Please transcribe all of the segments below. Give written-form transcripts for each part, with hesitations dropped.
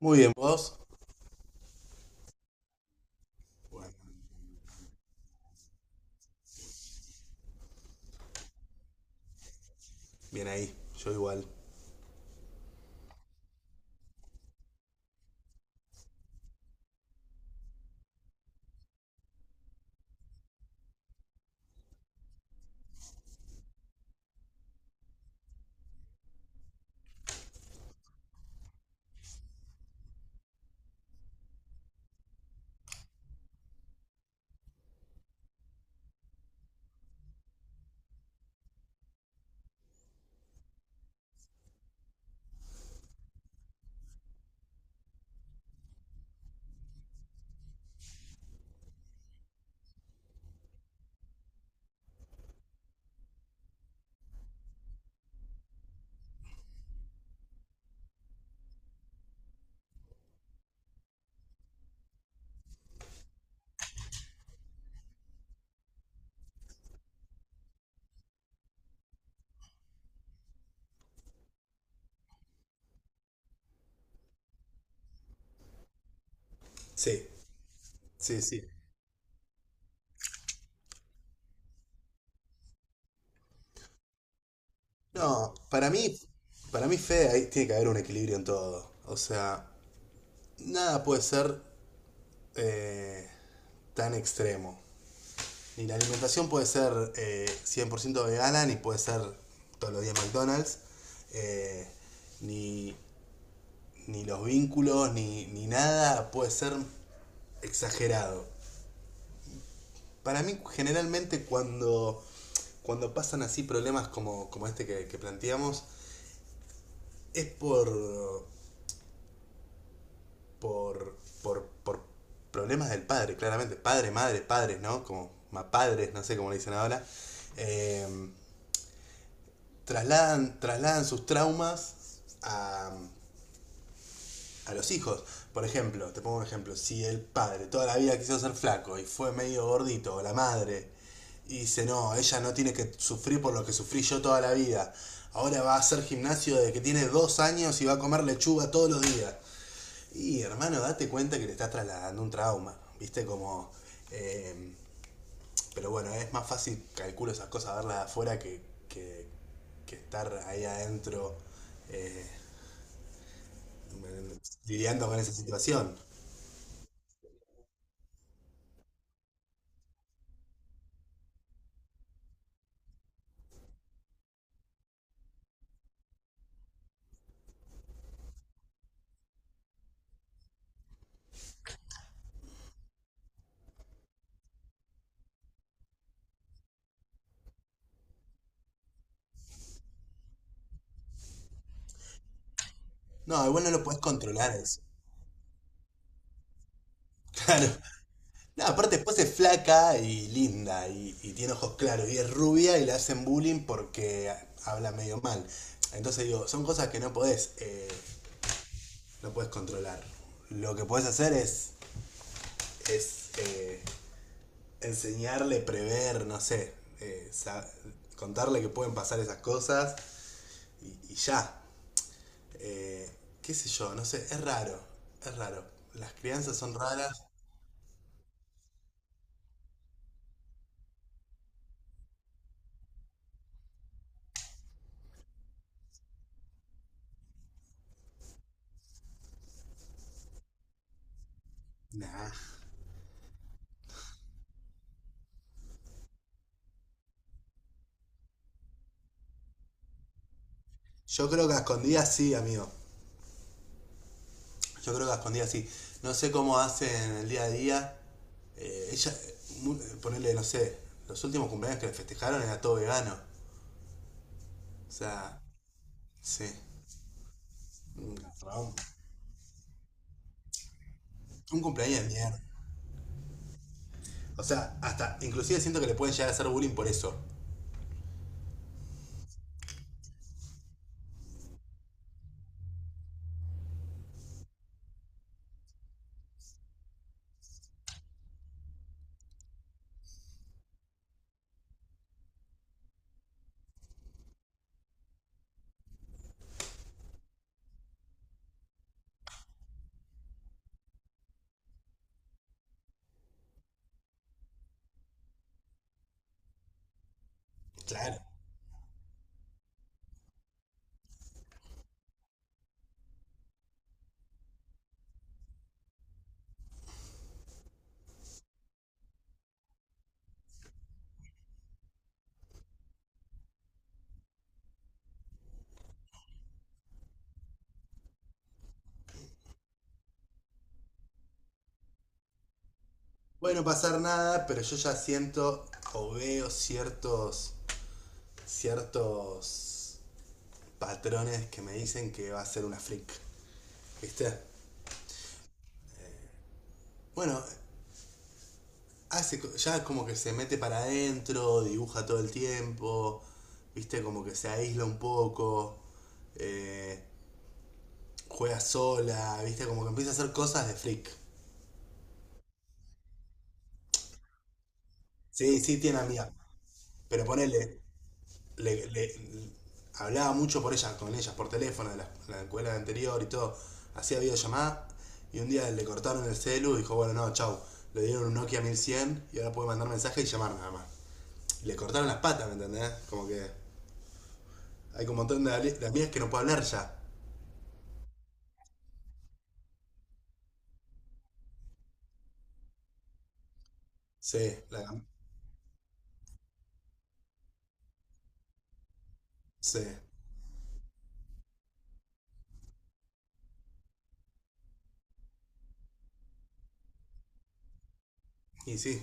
Muy bien, vos. Bueno, bien ahí, yo igual. Sí, sí, sí. No, para mí, Fede, ahí tiene que haber un equilibrio en todo. O sea, nada puede ser eh, tan extremo. Ni la alimentación puede ser 100% vegana, ni puede ser todos los días McDonald's, eh, ni, ni los vínculos, ni nada puede ser exagerado. Para mí, generalmente, cuando pasan así problemas como, como este que planteamos, es por, por problemas del padre, claramente. Padre, madre, padres, ¿no? Como ma padres, no sé cómo le dicen ahora. Eh, Trasladan sus traumas a los hijos. Por ejemplo, te pongo un ejemplo, si el padre toda la vida quiso ser flaco y fue medio gordito, o la madre, y dice, no, ella no tiene que sufrir por lo que sufrí yo toda la vida, ahora va a hacer gimnasio desde que tiene 2 años y va a comer lechuga todos los días. Y hermano, date cuenta que le estás trasladando un trauma, viste como... eh, pero bueno, es más fácil, calculo esas cosas, verlas de afuera que, que estar ahí adentro eh, lidiando con esa situación. No, igual no lo puedes controlar eso. Claro. No, aparte después es flaca y linda y tiene ojos claros y es rubia y le hacen bullying porque habla medio mal. Entonces digo, son cosas que no podés, no podés controlar. Lo que podés hacer es, es enseñarle, prever, no sé, eh, sa- contarle que pueden pasar esas cosas y ya. Eh, qué sé yo, no sé, es raro, es raro. Las crianzas son raras. Nah. Yo creo que a escondidas sí, amigo. Yo creo que a escondidas sí. No sé cómo hacen el día a día. Eh, ella, ponerle, no sé, los últimos cumpleaños que le festejaron era todo vegano. O sea, sí. Un Un cumpleaños de mierda. O sea, hasta, inclusive siento que le pueden llegar a hacer bullying por eso. Claro. Puede no pasar nada, pero yo ya siento o veo ciertos patrones que me dicen que va a ser una freak. ¿Viste? Bueno, ya como que se mete para adentro, dibuja todo el tiempo, viste, como que se aísla un poco, eh, juega sola, viste, como que empieza a hacer cosas de freak. Sí, sí, tiene amiga, pero ponele, le, le- hablaba mucho por ella, con ellas por teléfono, de la escuela anterior y todo, hacía videollamada, y un día le cortaron el celu y dijo, bueno, no, chau, le dieron un Nokia 1100 y ahora puede mandar mensaje y llamar nada más. Y le cortaron las patas, ¿me entendés? Como que... hay como un montón de, ale- de amigas que no puedo hablar ya. Sí, la, sí. Y sí,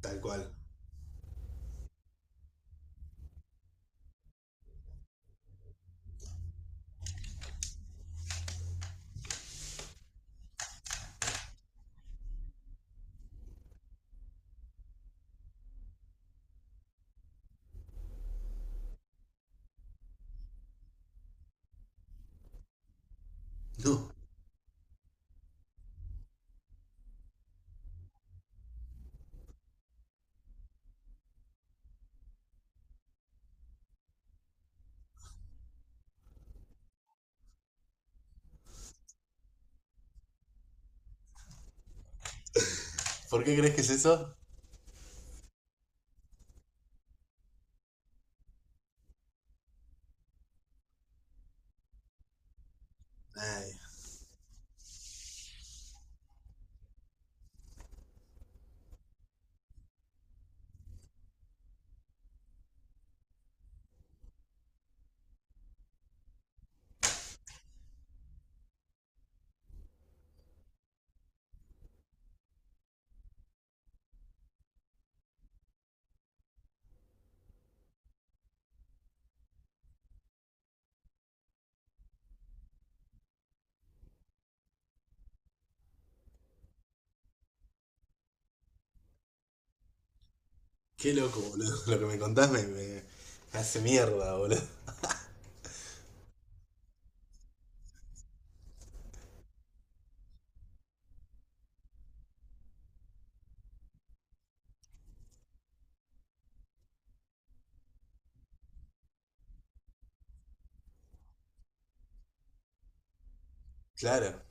tal cual. No, ¿por qué crees que es eso? Ay, qué loco, boludo. Lo que me contás me hace mierda, boludo. Claro.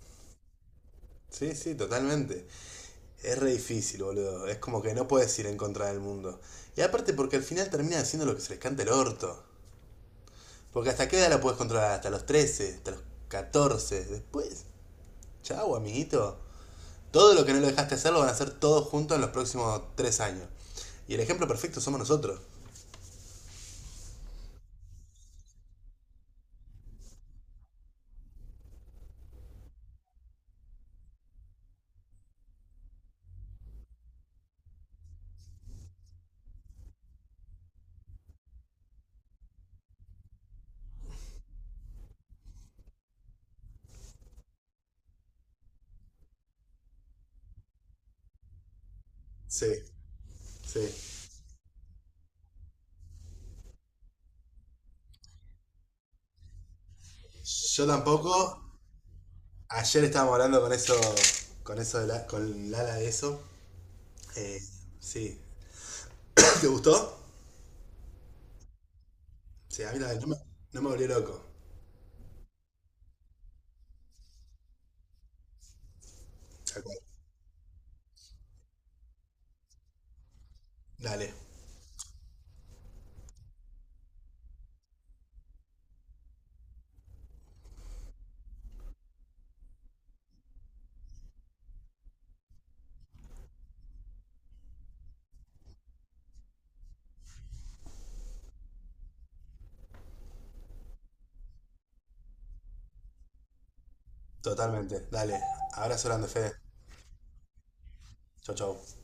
Sí, sí, totalmente. Es re difícil, boludo. Es como que no puedes ir en contra del mundo. Y aparte porque al final termina haciendo lo que se les canta el orto. ¿Porque hasta qué edad la puedes controlar? Hasta los 13, hasta los 14. Después, chau, amiguito. Todo lo que no lo dejaste hacer lo van a hacer todos juntos en los próximos 3 años. Y el ejemplo perfecto somos nosotros. Sí, sí. Yo tampoco. Ayer estábamos hablando con eso, con Lala de eso. Eh, sí. ¿Te gustó? Sí, a mí también. No me volvió loco. Dale, totalmente. Dale. Abrazo grande, Fede. Chau, chau.